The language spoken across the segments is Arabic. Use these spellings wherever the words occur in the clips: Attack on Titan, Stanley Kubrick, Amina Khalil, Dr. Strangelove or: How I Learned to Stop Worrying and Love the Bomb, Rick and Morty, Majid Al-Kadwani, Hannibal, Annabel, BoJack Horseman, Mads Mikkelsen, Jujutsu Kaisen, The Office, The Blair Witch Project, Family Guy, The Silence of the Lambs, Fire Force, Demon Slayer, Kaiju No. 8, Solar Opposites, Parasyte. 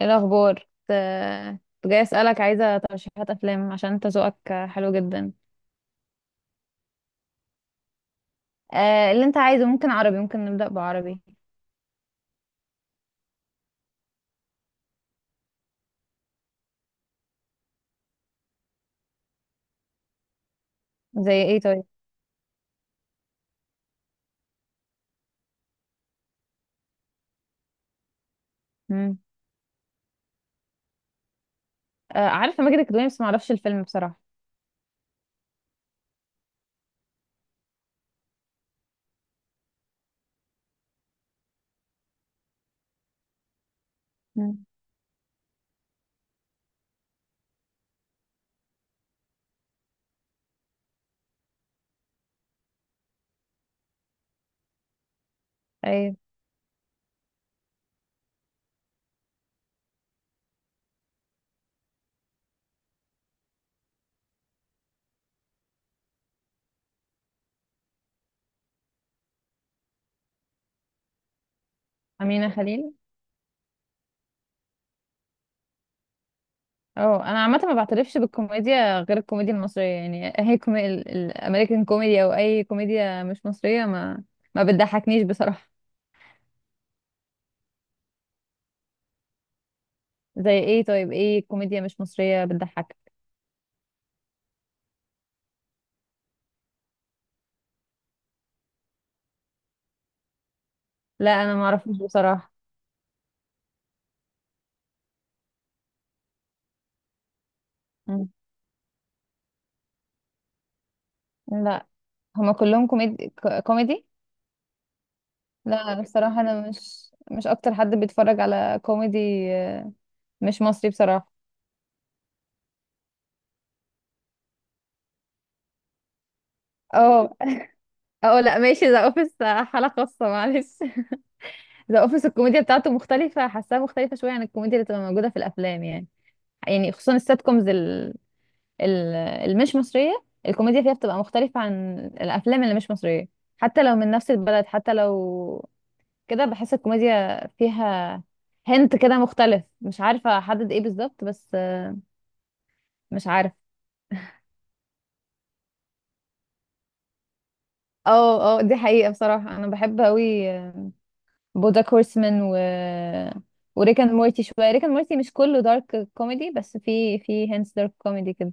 ايه الاخبار؟ كنت كنت جاي اسالك، عايزه ترشيحات افلام عشان انت ذوقك حلو جدا. آه، اللي انت عايزه، ممكن عربي، ممكن نبدا بعربي. زي ايه طيب؟ مم. آه، عارفه ماجد الكدواني بس ما اعرفش الفيلم بصراحه. مم. ايوه، امينه خليل. اه انا عامه ما بعترفش بالكوميديا غير الكوميديا المصريه يعني اي كومي... الامريكان كوميدي او اي كوميديا مش مصريه ما ما بتضحكنيش بصراحه. زي ايه طيب؟ ايه كوميديا مش مصريه بتضحك؟ لا انا ما اعرفش بصراحه. لا. هما كلهم كوميدي؟ كوميدي؟ لا، أنا بصراحة انا مش اكتر حد بيتفرج على كوميدي آه، مش مصري بصراحة. اه، اه، لا ماشي، ذا اوفيس حالة خاصة معلش. ذا اوفيس الكوميديا بتاعته مختلفة، حاساها مختلفة شوية عن الكوميديا اللي بتبقى موجودة في الافلام يعني. يعني خصوصا السات كومز ال... المش مصرية، الكوميديا فيها بتبقى مختلفة عن الافلام اللي مش مصرية، حتى لو من نفس البلد، حتى لو كده بحس الكوميديا فيها هنت كده مختلف، مش عارفة احدد ايه بالظبط بس، مش عارفة. اه، اه، دي حقيقة بصراحة، انا بحب قوي بوجاك هورسمان وريك اند مورتي، شوية ريك اند مورتي مش كله دارك كوميدي بس في هنتس دارك كوميدي كده.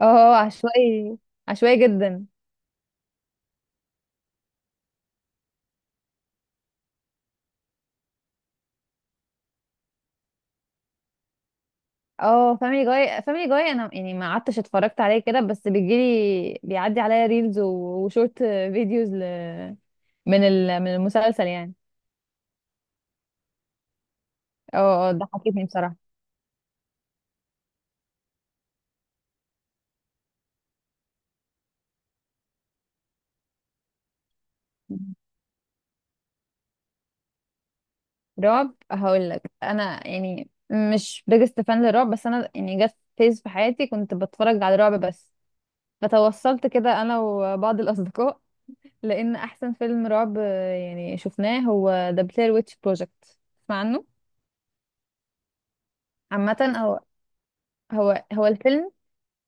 اه، عشوائي، عشوائي جدا. اه، فاميلي جاي، فاميلي جاي انا يعني ما قعدتش اتفرجت عليه كده، بس بيجيلي، بيعدي عليا ريلز و- وشورت فيديوز ل... من ال... من المسلسل يعني. اه، اه، ضحكتني بصراحة. رعب؟ هقول لك، انا يعني مش بيجست فان للرعب، بس انا يعني جت فيز في حياتي كنت بتفرج على رعب، بس فتوصلت كده انا وبعض الاصدقاء لان احسن فيلم رعب يعني شفناه هو ذا بلاير ويتش بروجكت، تسمع عنه؟ عامه هو هو الفيلم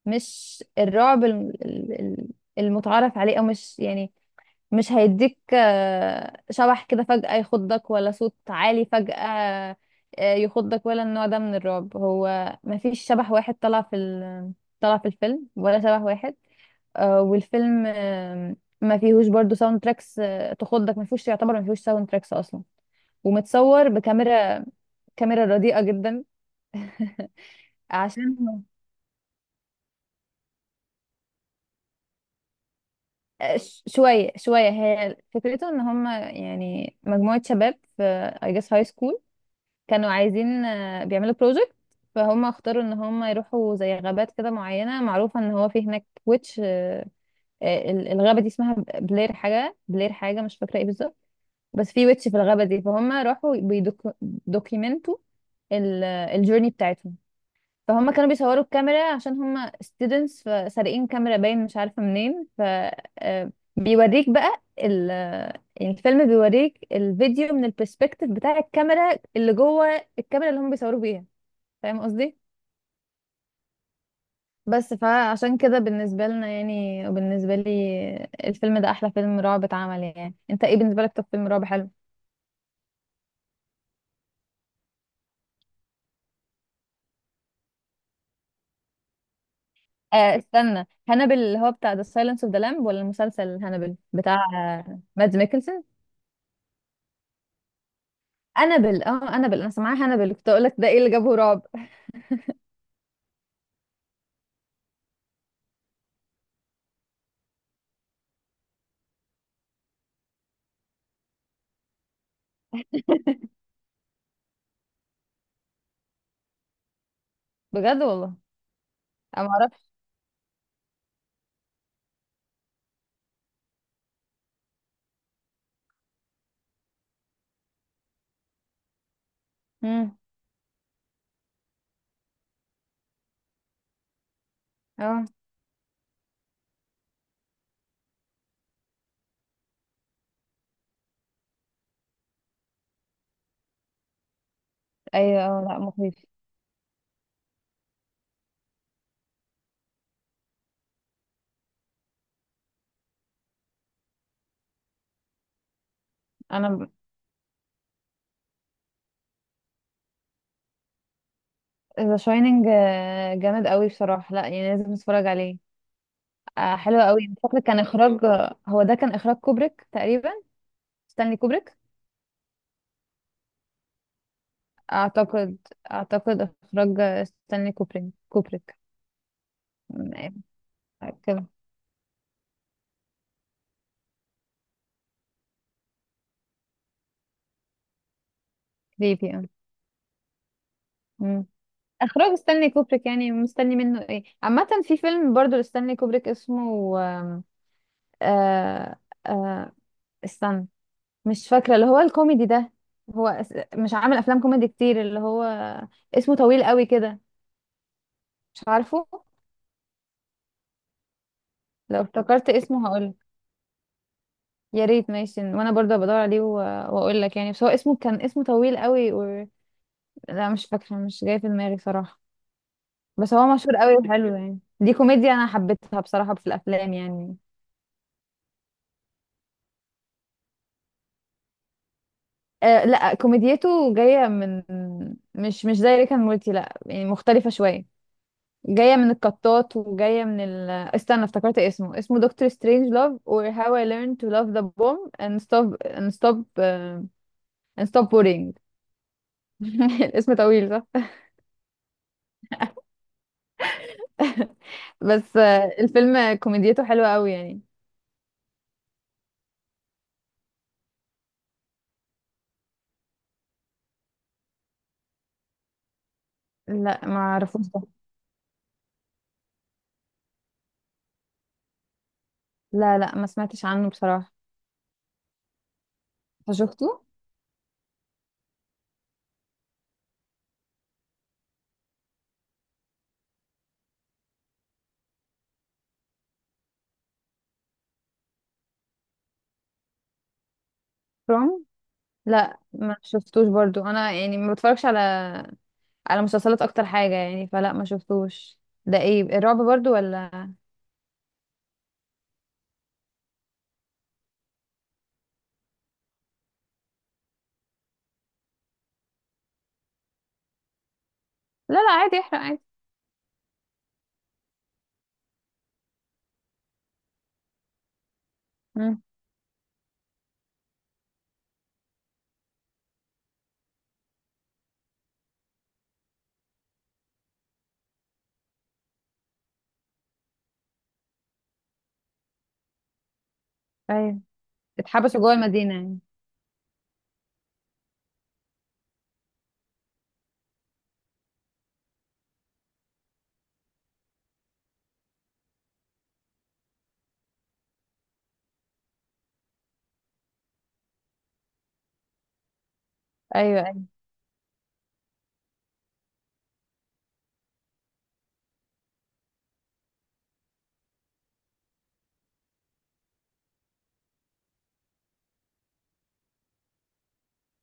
مش الرعب المتعارف عليه، او مش يعني، مش هيديك شبح كده فجأة يخضك، ولا صوت عالي فجأة يخضك، ولا النوع ده من الرعب. هو مفيش شبح واحد طلع في ال... طلع في الفيلم، ولا شبح واحد والفيلم ما فيهوش برضو ساوند تراكس تخضك، ما فيهوش يعتبر، ما فيهوش ساوند تراكس اصلا، ومتصور بكاميرا، كاميرا رديئة جدا. عشان شوية شوية هي فكرته ان هم، يعني مجموعة شباب في I guess high school كانوا عايزين بيعملوا بروجكت، فهم اختاروا ان هم يروحوا زي غابات كده معينة، معروفة ان هو في هناك ويتش ال- الغابة دي اسمها بلير حاجة، بلير حاجة مش فاكرة ايه بالظبط، بس في ويتش في الغابة دي، فهم راحوا بيدوكيمنتوا الجورني بتاعتهم، فهم كانوا بيصوروا الكاميرا عشان هم students، فسارقين كاميرا باين مش عارفة منين، ف بيوريك بقى ال... يعني الفيلم بيوريك الفيديو من البرسبكتيف بتاع الكاميرا اللي جوه، الكاميرا اللي هم بيصوروا بيها، فاهم قصدي؟ بس فعشان كده بالنسبة لنا يعني، وبالنسبة لي الفيلم ده أحلى فيلم رعب اتعمل يعني. انت ايه بالنسبة لك طب فيلم رعب حلو؟ آه استنى، هانبل اللي هو بتاع The Silence of the Lamb ولا المسلسل هانبل بتاع مادز ميكلسن؟ انابل، اه، انابل، انا سامعاها انابل كنت اقول لك ده ايه اللي جابه رعب. بجد؟ والله انا ما اعرفش. امم. اه، ايوه، اه، لا مخيف. انا ذا شايننج جامد قوي بصراحه، لا يعني لازم نتفرج عليه. آه حلو قوي، فاكر كان اخراج، هو ده كان اخراج كوبريك تقريبا، ستانلي كوبريك. اعتقد، اعتقد اخراج ستانلي كوبريك، كوبريك. أمم، كده، كريبي، اه. أمم. اخراج ستانلي كوبريك يعني مستني منه ايه؟ عامه في فيلم برضو لستانلي كوبريك اسمه، آه، آه، استنى، مش فاكرة، اللي هو الكوميدي ده، هو اس- مش عامل أفلام كوميدي كتير، اللي هو اسمه طويل قوي كده، مش عارفه. لو افتكرت اسمه هقول. يا ريت، ماشي، وانا برضه بدور عليه و- واقول لك يعني، بس هو اسمه كان اسمه طويل قوي و... لا مش فاكرة، مش جاي في دماغي صراحة. بس هو مشهور قوي وحلو يعني، دي كوميديا انا حبيتها بصراحة في الافلام يعني. آه لا كوميديته جاية من، مش مش زي ريكان مورتي، لا يعني مختلفة شوية، جاية من القطات وجاية من ال، استنى افتكرت اسمه، اسمه دكتور سترينج لاف or how I learned to love the bomb and stop and stop and stop worrying. الاسم طويل صح. بس الفيلم كوميديته حلوة قوي يعني. لا ما اعرفوش ده، لا لا ما سمعتش عنه بصراحة. أنت شفته؟ فروم؟ لا ما شفتوش برضو، انا يعني ما بتفرجش على، على مسلسلات اكتر حاجة يعني، فلا ما شفتوش. ده ايه الرعب برضو ولا؟ لا لا عادي، احرق عادي. مم. أيوة. اتحبسوا جوه المدينة يعني؟ ايوه، ايوه،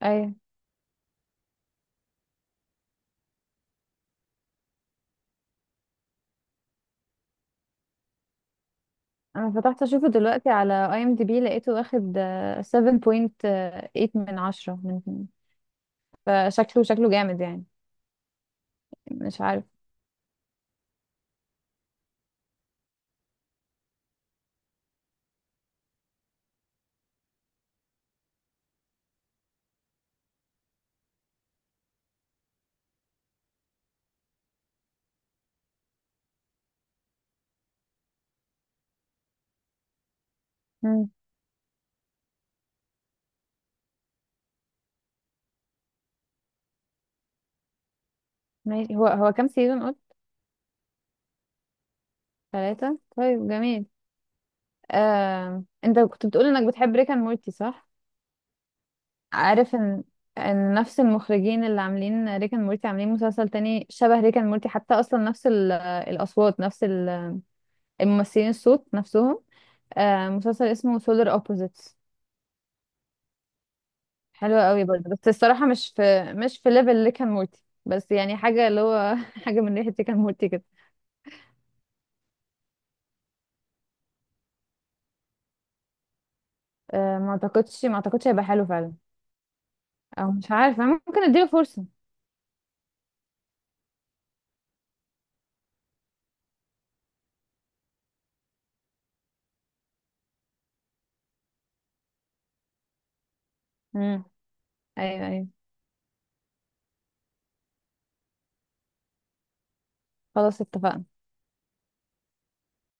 ايوه. انا فتحت اشوفه دلوقتي على اي ام دي بي، لقيته واخد 7.8 من 10، من، فشكله، شكله جامد يعني. مش عارف. مم. ماشي، هو هو كام سيزون قلت؟ ثلاثة؟ طيب، جميل. آه، انت كنت بتقول انك بتحب ريك اند مورتي صح؟ عارف ان، ان نفس المخرجين اللي عاملين ريك اند مورتي عاملين مسلسل تاني شبه ريك اند مورتي، حتى اصلا نفس ال- الاصوات، نفس ال- الممثلين، الصوت نفسهم، مسلسل اسمه سولار اوبوزيتس. حلوة قوي برضه بس الصراحة مش في، مش في ليفل اللي كان مورتي، بس يعني حاجة اللي هو حاجة من ريحة كان مورتي كده. أه ما اعتقدش هيبقى حلو فعلا، او مش عارفة، ممكن اديله فرصة. امم. ايوه، ايوه. خلاص اتفقنا.